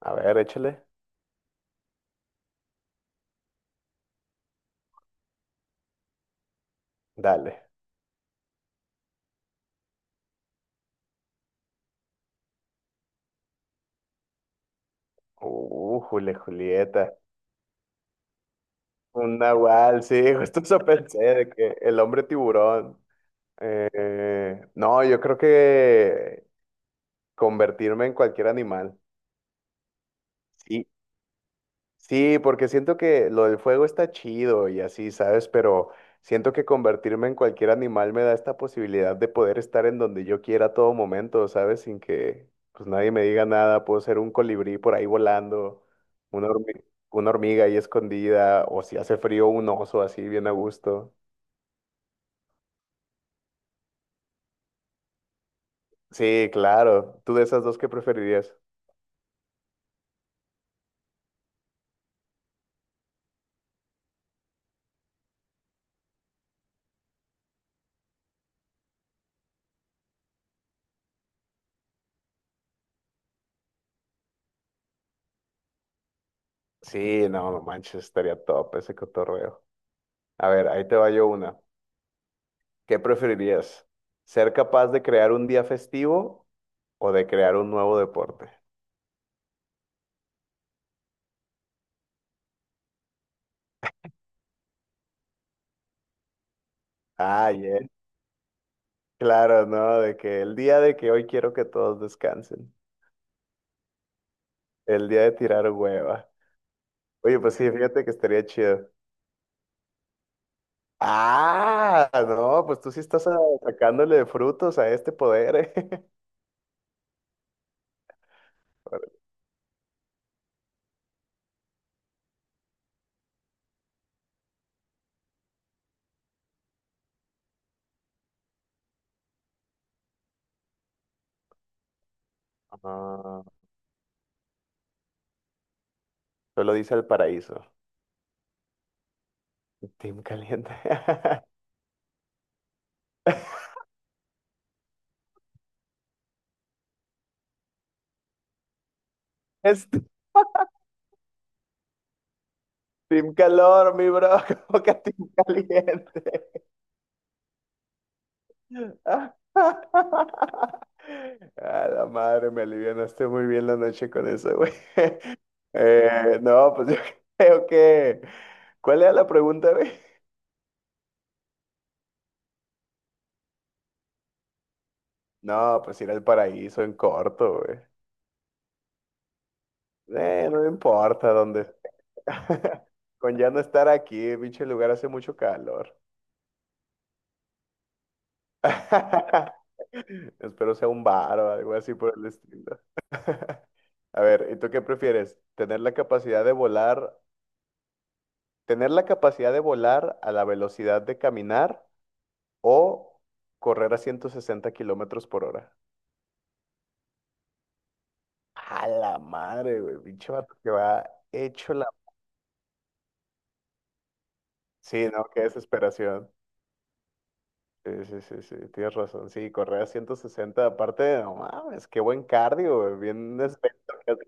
A ver, échale. Dale. Julieta. Un nahual, sí, justo eso pensé, de que el hombre tiburón. No, yo creo que convertirme en cualquier animal. Sí, sí, porque siento que lo del fuego está chido y así, ¿sabes? Pero siento que convertirme en cualquier animal me da esta posibilidad de poder estar en donde yo quiera a todo momento, ¿sabes? Sin que pues nadie me diga nada. Puedo ser un colibrí por ahí volando, una hormi- una hormiga ahí escondida, o si hace frío, un oso así bien a gusto. Sí, claro. ¿Tú de esas dos qué preferirías? Sí, no, no manches, estaría top ese cotorreo. A ver, ahí te va yo una. ¿Qué preferirías? ¿Ser capaz de crear un día festivo o de crear un nuevo deporte? Ah, bien. Claro, ¿no? De que el día de que hoy quiero que todos descansen. El día de tirar hueva. Oye, pues sí, fíjate que estaría chido. Ah, no, pues tú sí estás sacándole frutos a este poder, ¿eh? No, solo dice el paraíso. Team caliente. Es Team calor, mi bro. ¿Cómo que Team caliente? A la madre, me alivianaste muy bien la noche con eso, güey. No, pues yo creo que... ¿Cuál era la pregunta, güey? No, pues ir al paraíso en corto, güey. No me importa dónde. Con ya no estar aquí, pinche lugar hace mucho calor. Espero sea un bar o algo así por el estilo. A ver, ¿y tú qué prefieres? ¿Tener la capacidad de volar a la velocidad de caminar o correr a 160 kilómetros por hora? A la madre, güey. Pinche vato que va hecho la. Sí, no, qué desesperación. Sí, sí, sí, sí, tienes razón. Sí, correr a 160 aparte, no mames, qué buen cardio, güey, bien esbelto, casi.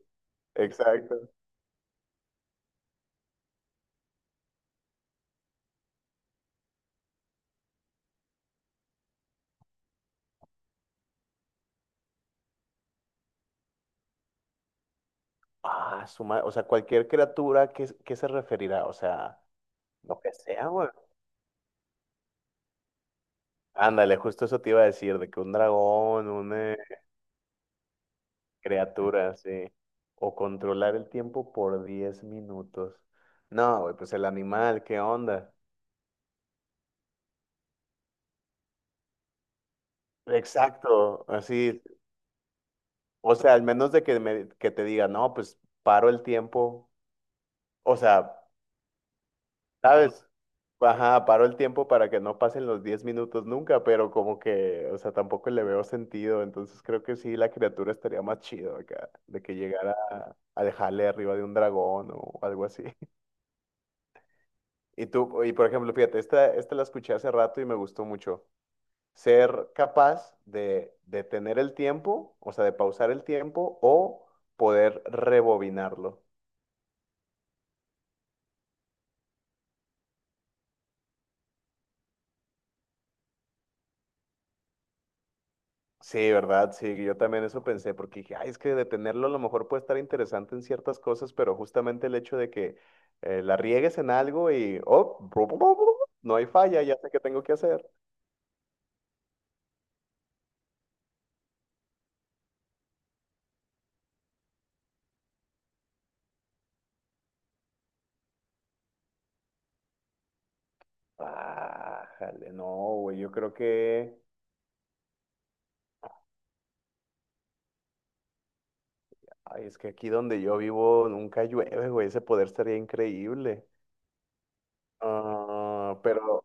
Exacto. Ah, o sea, cualquier criatura, ¿qué se referirá? O sea, lo que sea, güey. Ándale, justo eso te iba a decir, de que un dragón. Criatura, sí. O controlar el tiempo por 10 minutos. No, güey, pues el animal, ¿qué onda? Exacto, así. O sea, al menos de que, que te diga, no, pues paro el tiempo. O sea, ¿sabes? Ajá, paro el tiempo para que no pasen los 10 minutos nunca, pero como que, o sea, tampoco le veo sentido. Entonces creo que sí, la criatura estaría más chido acá, de que llegara a dejarle arriba de un dragón o algo así. Y tú, y por ejemplo, fíjate, esta la escuché hace rato y me gustó mucho. Ser capaz de tener el tiempo, o sea, de pausar el tiempo o poder rebobinarlo. Sí, ¿verdad? Sí, yo también eso pensé, porque dije, ay, es que detenerlo a lo mejor puede estar interesante en ciertas cosas, pero justamente el hecho de que la riegues en algo y, oh, no hay falla, ya sé qué tengo que hacer. Ah, jale, no, güey, yo creo que... Ay, es que aquí donde yo vivo nunca llueve, güey. Ese poder estaría increíble. Ah, pero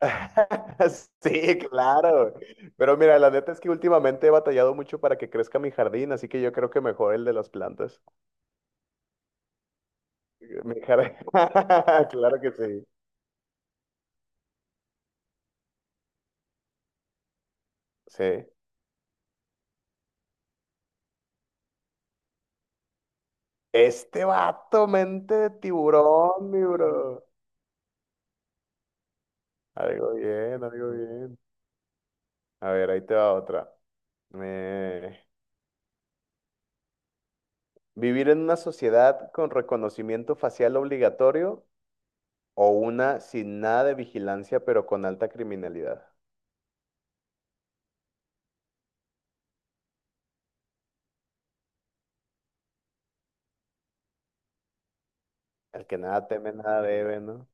sí, claro. Pero mira, la neta es que últimamente he batallado mucho para que crezca mi jardín, así que yo creo que mejor el de las plantas. Mi jardín. Claro que sí. Sí. Este vato, mente de tiburón, mi bro. Algo bien, algo bien. A ver, ahí te va otra. Eh, Vivir en una sociedad con reconocimiento facial obligatorio o una sin nada de vigilancia, pero con alta criminalidad. El que nada teme, nada debe, ¿no?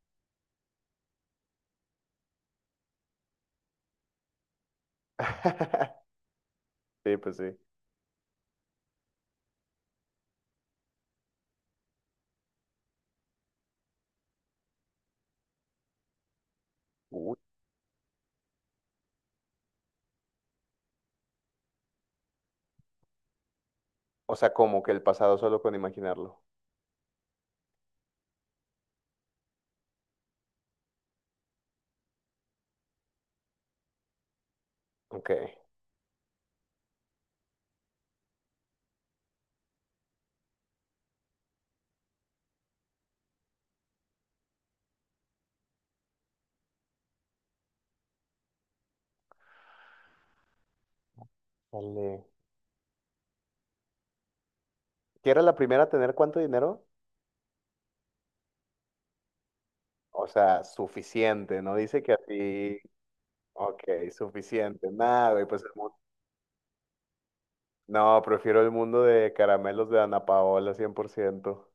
Sí, pues sí. Uy. O sea, como que el pasado solo con imaginarlo. Ok. Dale. ¿Qué era la primera a tener cuánto dinero? O sea, suficiente, ¿no? Dice que así. Ok, suficiente. Nada, güey, pues el mundo. No, prefiero el mundo de caramelos de Ana Paola, 100%.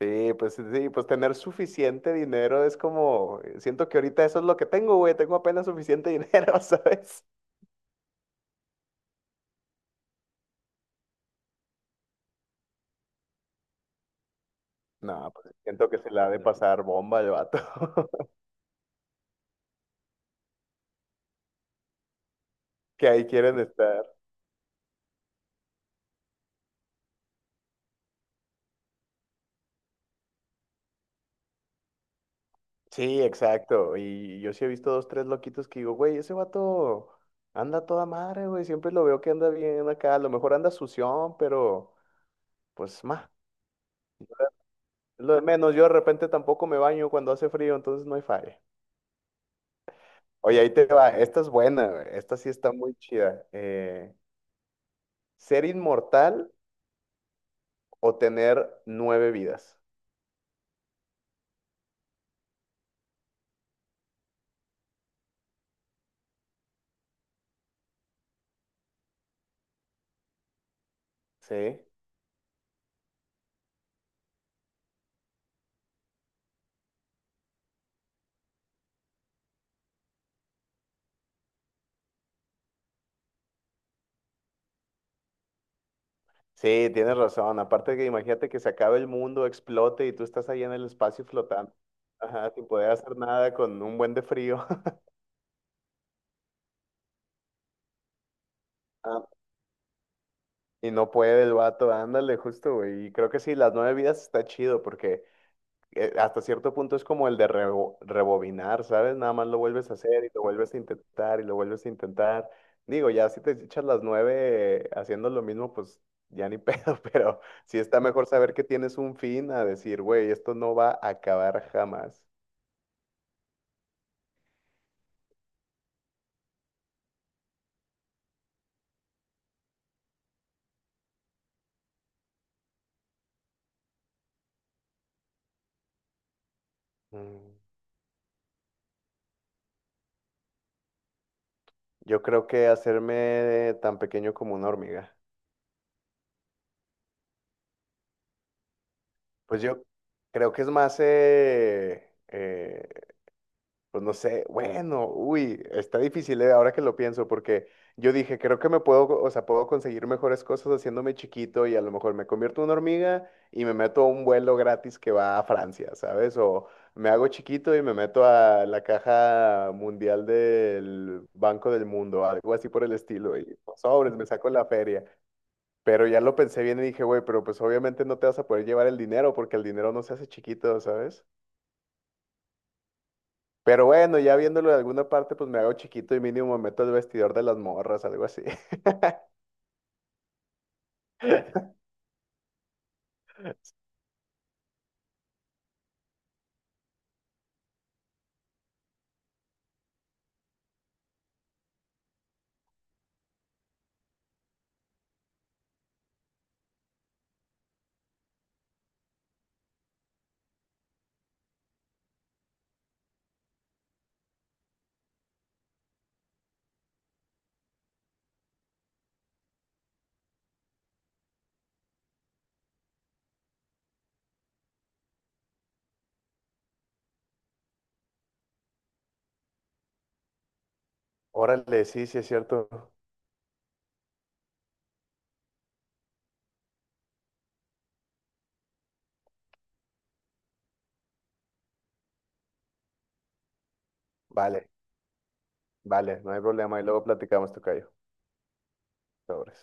Sí, pues tener suficiente dinero es como, siento que ahorita eso es lo que tengo, güey, tengo apenas suficiente dinero, ¿sabes? No, pues siento que se la ha de pasar bomba el vato, que ahí quieren estar. Sí, exacto, y yo sí he visto dos, tres loquitos que digo, güey, ese vato anda a toda madre, güey, siempre lo veo que anda bien acá, a lo mejor anda sución, pero pues, ma, es lo de menos, yo de repente tampoco me baño cuando hace frío, entonces no hay falla. Oye, ahí te va. Esta es buena, güey. Esta sí está muy chida. ¿Ser inmortal o tener nueve vidas? Sí, sí, tienes razón. Aparte que imagínate que se acabe el mundo, explote y tú estás ahí en el espacio flotando. Ajá, sin poder hacer nada con un buen de frío. Ah, y no puede el vato, ándale, justo, güey. Y creo que sí, las nueve vidas está chido porque hasta cierto punto es como el de rebobinar, ¿sabes? Nada más lo vuelves a hacer y lo vuelves a intentar y lo vuelves a intentar. Digo, ya si te echas las nueve haciendo lo mismo, pues ya ni pedo, pero sí está mejor saber que tienes un fin a decir, güey, esto no va a acabar jamás. Mm, Yo creo que hacerme tan pequeño como una hormiga. Pues yo creo que es más pues no sé, bueno, uy, está difícil, ahora que lo pienso, porque yo dije, creo que me puedo, o sea, puedo conseguir mejores cosas haciéndome chiquito y a lo mejor me convierto en una hormiga y me meto a un vuelo gratis que va a Francia, ¿sabes? O me hago chiquito y me meto a la caja mundial del Banco del Mundo, algo así por el estilo, y pues, sobres, me saco la feria. Pero ya lo pensé bien y dije, güey, pero pues obviamente no te vas a poder llevar el dinero porque el dinero no se hace chiquito, ¿sabes? Pero bueno, ya viéndolo de alguna parte, pues me hago chiquito y mínimo me meto al vestidor de las morras, algo así. Órale, sí, sí es cierto. Vale, vale, no hay problema. Y luego platicamos, tocayo. Sobres.